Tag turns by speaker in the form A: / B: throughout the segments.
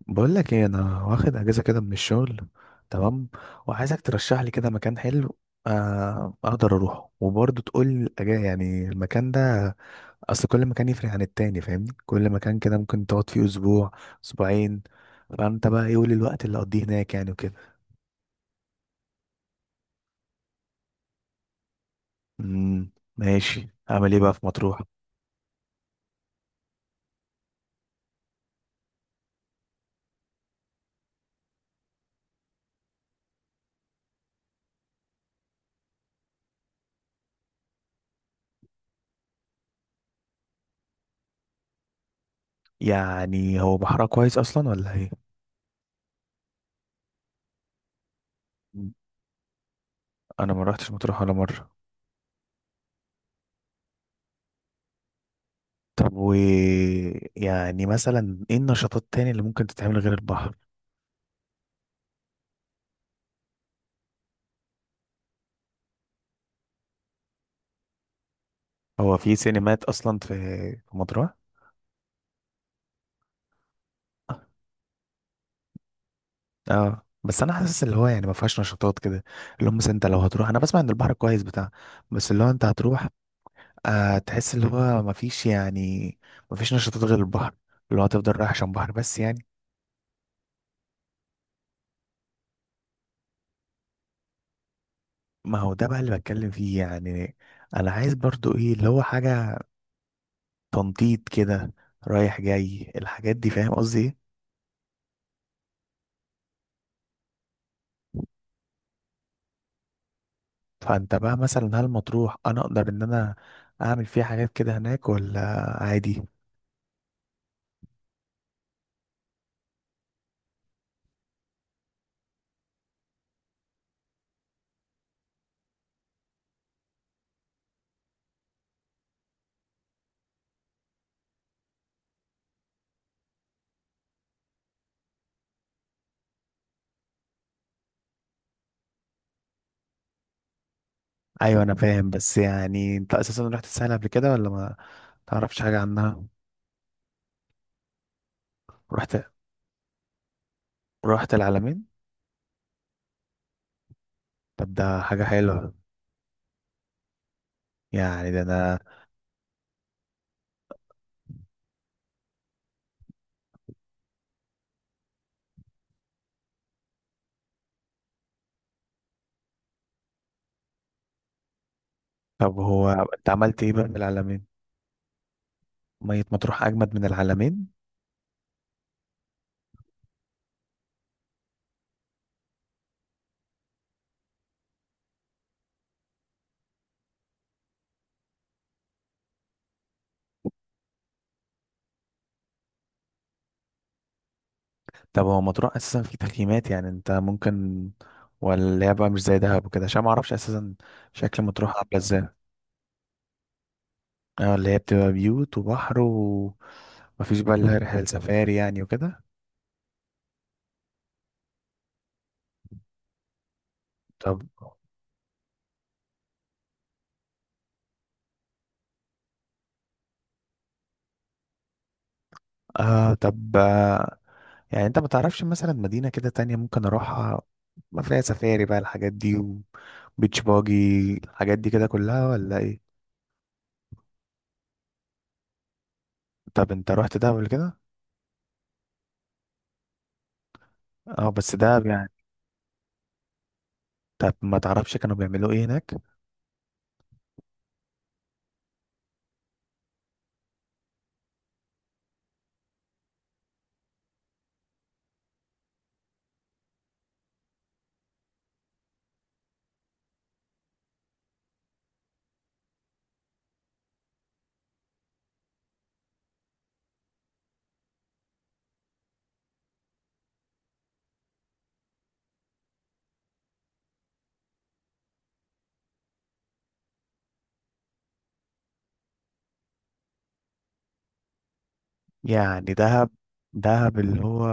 A: بقول لك ايه، انا واخد اجازه كده من الشغل. تمام. وعايزك ترشح لي كده مكان حلو، اقدر اروحه وبرضه تقول لي المكان ده. اصل كل مكان يفرق عن التاني، فاهمني؟ كل مكان كده ممكن تقعد فيه اسبوع، اسبوعين. فانت بقى ايه؟ قول الوقت اللي اقضيه هناك يعني وكده. امم ماشي، اعمل ايه بقى في مطروح؟ يعني هو بحرها كويس اصلا ولا ايه؟ مم، انا ما رحتش مطروح ولا مره. طب و يعني مثلا ايه النشاطات تاني اللي ممكن تتعمل غير البحر؟ هو في سينمات اصلا في في مطروح؟ اه، بس انا حاسس اللي هو يعني ما فيهاش نشاطات كده، اللي هم مثلا انت لو هتروح، انا بسمع ان البحر كويس بتاع، بس اللي هو انت هتروح، آه تحس اللي هو ما فيش يعني، ما فيش نشاطات غير البحر، اللي هو هتفضل رايح عشان بحر بس يعني. ما هو ده بقى اللي بتكلم فيه يعني. انا عايز برضو ايه اللي هو حاجة تنطيط كده، رايح جاي الحاجات دي، فاهم قصدي ايه؟ فانت بقى مثلا هل مطروح انا اقدر ان انا اعمل فيها حاجات كده هناك ولا عادي؟ ايوه انا فاهم، بس يعني انت اساسا رحت الساحل قبل كده ولا ما تعرفش حاجه عنها؟ رحت رحت العلمين؟ طب ده حاجه حلوه، يعني ده انا. طب هو انت عملت ايه بقى في العلمين؟ ميه مطروح اجمد من العلمين. طب هو مطروح اساسا في تخييمات يعني؟ انت ممكن ولا اللي هي بقى مش زي دهب وكده؟ عشان ما اعرفش اساسا شكل مطروح عامله ازاي. اه، اللي هي بتبقى بيوت وبحر ومفيش بقى اللي هي رحله سفاري يعني وكده؟ طب آه طب آه، يعني انت ما تعرفش مثلا مدينة كده تانية ممكن اروحها، ما فيها سفاري بقى الحاجات دي، وبيتش باجي الحاجات دي كده كلها ولا ايه؟ طب انت رحت دهب قبل كده؟ اه، بس دهب يعني. طب ما تعرفش كانوا بيعملوا ايه هناك؟ يعني دهب، دهب اللي هو.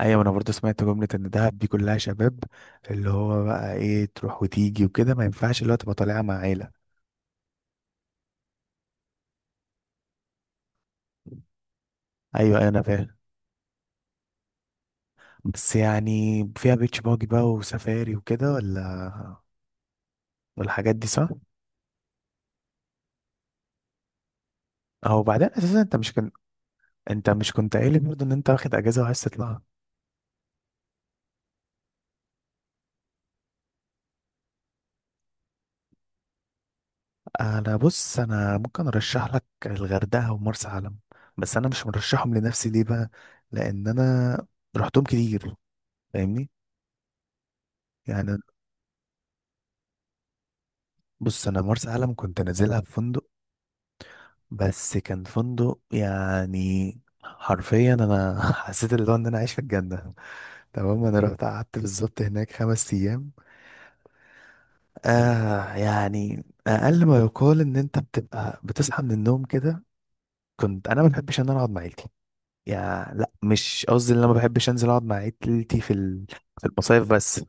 A: ايوه انا برضه سمعت جملة ان دهب دي كلها شباب، اللي هو بقى ايه؟ تروح وتيجي وكده، ما ينفعش اللي هو تبقى طالعة مع عيلة. ايوه ايوه انا فاهم، بس يعني فيها بيتش باجي بقى وسفاري وكده ولا؟ والحاجات دي صح؟ او بعدين اساسا انت مش كنت، انت مش كنت قايل لي برضه ان انت واخد اجازه وعايز تطلع؟ انا بص، انا ممكن ارشح لك الغردقه ومرسى علم، بس انا مش مرشحهم لنفسي، ليه بقى؟ لان انا رحتهم كتير، فاهمني؟ يعني بص، انا مرسى علم كنت نازلها في فندق، بس كان فندق يعني حرفيا انا حسيت اللي هو ان انا عايش في الجنه. تمام، انا رحت قعدت بالظبط هناك 5 ايام. آه يعني أقل ما يقال إن أنت بتبقى بتصحى من النوم كده. كنت أنا ما بحبش إن أنا أقعد مع عيلتي، يعني لا مش قصدي إن أنا ما بحبش أنزل أقعد مع عيلتي في في المصايف بس.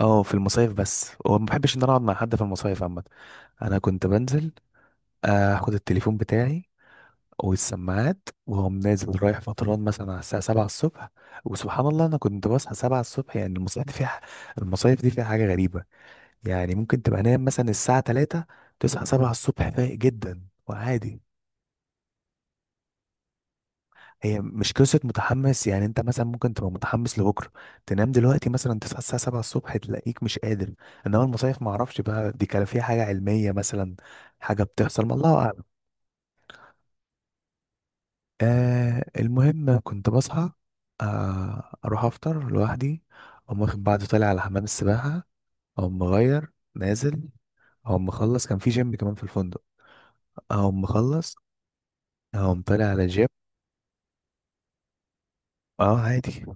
A: أه في المصايف بس، وما بحبش إن أنا أقعد مع حد في المصايف عامة. أنا كنت بنزل، آخد التليفون بتاعي والسماعات، وهم نازل رايح فطران مثلا على الساعة 7 الصبح. وسبحان الله أنا كنت بصحى 7 الصبح. يعني المصايف دي فيها، المصايف دي فيها حاجة غريبة. يعني ممكن تبقى نايم مثلا الساعة 3، تصحى 7 الصبح فايق جدا وعادي. هي مش قصة متحمس، يعني انت مثلا ممكن تبقى متحمس لبكرة، تنام دلوقتي مثلا تصحى الساعة 7 الصبح تلاقيك مش قادر. انما المصايف معرفش بقى دي كان فيها حاجة علمية مثلا، حاجة بتحصل ما الله اعلم. آه، المهم كنت بصحى، آه اروح افطر لوحدي، اقوم واخد بعض طالع على حمام السباحة، اقوم مغير نازل، اقوم مخلص كان في جيم كمان في الفندق، اقوم مخلص، اقوم طالع على الجيم. اه عادي.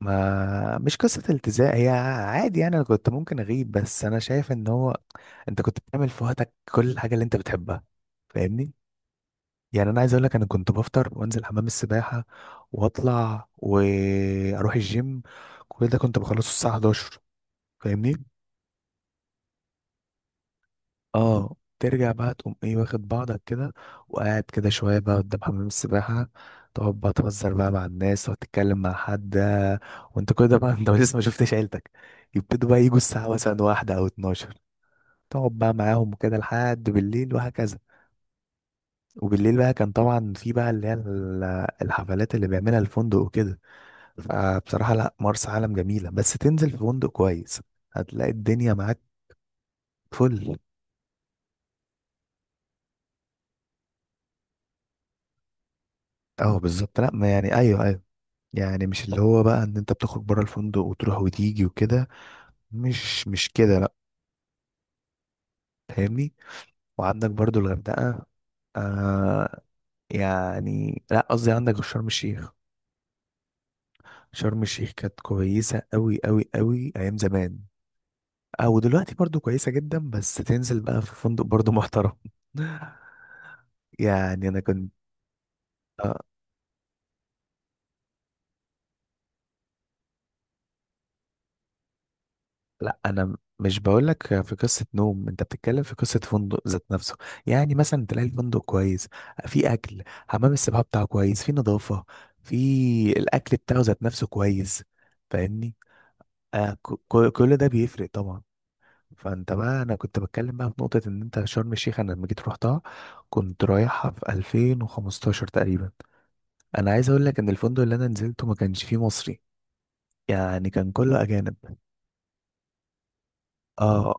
A: ما مش قصة التزام، هي عادي يعني، انا كنت ممكن اغيب، بس انا شايف ان هو انت كنت بتعمل في وقتك كل الحاجة اللي انت بتحبها، فاهمني؟ يعني انا عايز اقول لك، انا كنت بفطر وانزل حمام السباحة واطلع واروح الجيم، كل ده كنت بخلصه الساعة 11، فاهمني؟ اه ترجع بقى تقوم ايه واخد بعضك كده، وقاعد كده شوية بقى قدام حمام السباحة، تقعد بقى تهزر بقى مع الناس وتتكلم مع حد، وانت كده بقى انت لسه ما شفتش عيلتك. يبتدوا بقى يجوا الساعة مثلا واحدة أو اتناشر، تقعد بقى معاهم وكده لحد بالليل وهكذا. وبالليل بقى كان طبعا في بقى اللي هي الحفلات اللي بيعملها الفندق وكده. فبصراحة لا، مرسى علم جميلة بس تنزل في فندق كويس، هتلاقي الدنيا معاك، فل. اه بالظبط، لا ما يعني ايوه ايوه. يعني مش اللي هو بقى ان انت بتخرج بره الفندق وتروح وتيجي وكده، مش كده لا، فاهمني؟ وعندك برضو الغردقة، آه يعني لا قصدي عندك شرم الشيخ. شرم الشيخ كانت كويسة قوي قوي قوي ايام زمان، او دلوقتي برضو كويسة جدا، بس تنزل بقى في فندق برضو محترم. يعني انا كنت، لا انا مش بقول لك في قصه نوم، انت بتتكلم في قصه فندق ذات نفسه. يعني مثلا تلاقي الفندق كويس، في اكل، حمام السباحه بتاعه كويس، في نظافه، في الاكل بتاعه ذات نفسه كويس، فاهمني؟ كل ده بيفرق طبعا. فانت بقى انا كنت بتكلم بقى في نقطه ان انت شرم الشيخ انا لما جيت روحتها، كنت رايحها في 2015 تقريبا. انا عايز اقول لك ان الفندق اللي انا نزلته ما كانش فيه مصري، يعني كان كله اجانب. اه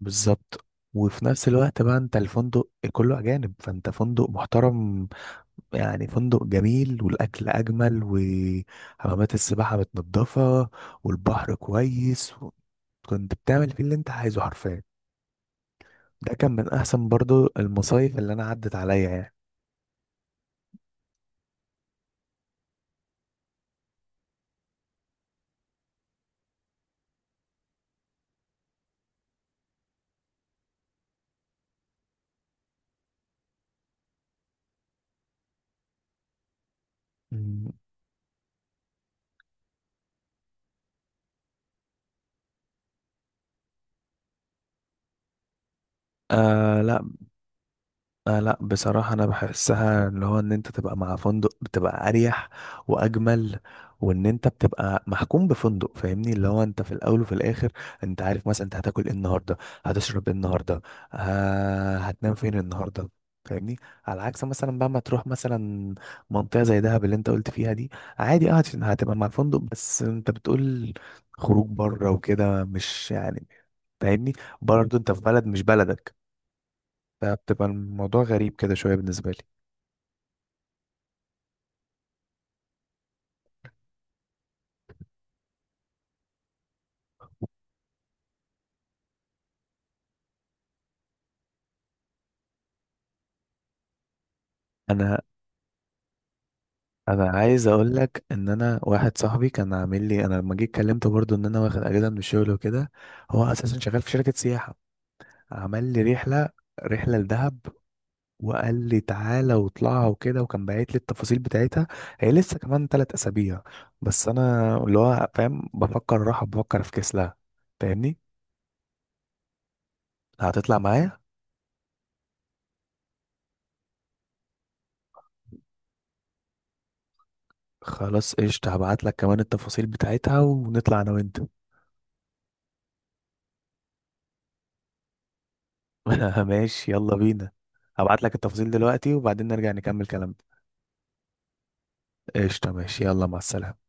A: بالظبط. وفي نفس الوقت بقى انت الفندق كله اجانب، فانت فندق محترم، يعني فندق جميل، والاكل اجمل، وحمامات السباحه متنضفه، والبحر كويس و... كنت بتعمل فيه اللي انت عايزه حرفيا. ده كان من احسن برضو المصايف اللي انا عدت عليا يعني. مم. آه لا، آه لا بصراحة، أنا بحسها اللي هو إن أنت تبقى مع فندق بتبقى أريح وأجمل. وإن أنت بتبقى محكوم بفندق، فاهمني؟ اللي هو أنت في الأول وفي الآخر أنت عارف مثلا أنت هتاكل إيه النهاردة، هتشرب إيه النهاردة، آه هتنام فين النهاردة، فاهمني؟ على عكس مثلا بقى ما تروح مثلا منطقة زي دهب اللي أنت قلت فيها دي. عادي، أه هتبقى مع الفندق، بس أنت بتقول خروج بره وكده، مش يعني، فاهمني؟ برضه أنت في بلد مش بلدك، فبتبقى الموضوع غريب كده شويه بالنسبه لي. انا انا عايز اقول لك ان انا واحد صاحبي كان عامل لي، انا لما جيت كلمته برضو ان انا واخد اجازه من الشغل وكده، هو اساسا شغال في شركه سياحه، عمل لي رحله، رحله لدهب، وقال لي تعالى واطلعها وكده، وكان باعت لي التفاصيل بتاعتها. هي لسه كمان 3 اسابيع. بس انا اللي هو فاهم، بفكر راحه، بفكر في كسلها، فاهمني؟ هتطلع معايا؟ خلاص قشطة، هبعت لك كمان التفاصيل بتاعتها ونطلع انا وانت. ماشي يلا بينا. هبعت لك التفاصيل دلوقتي، وبعدين نرجع نكمل كلام. قشطة ماشي، يلا مع السلامة.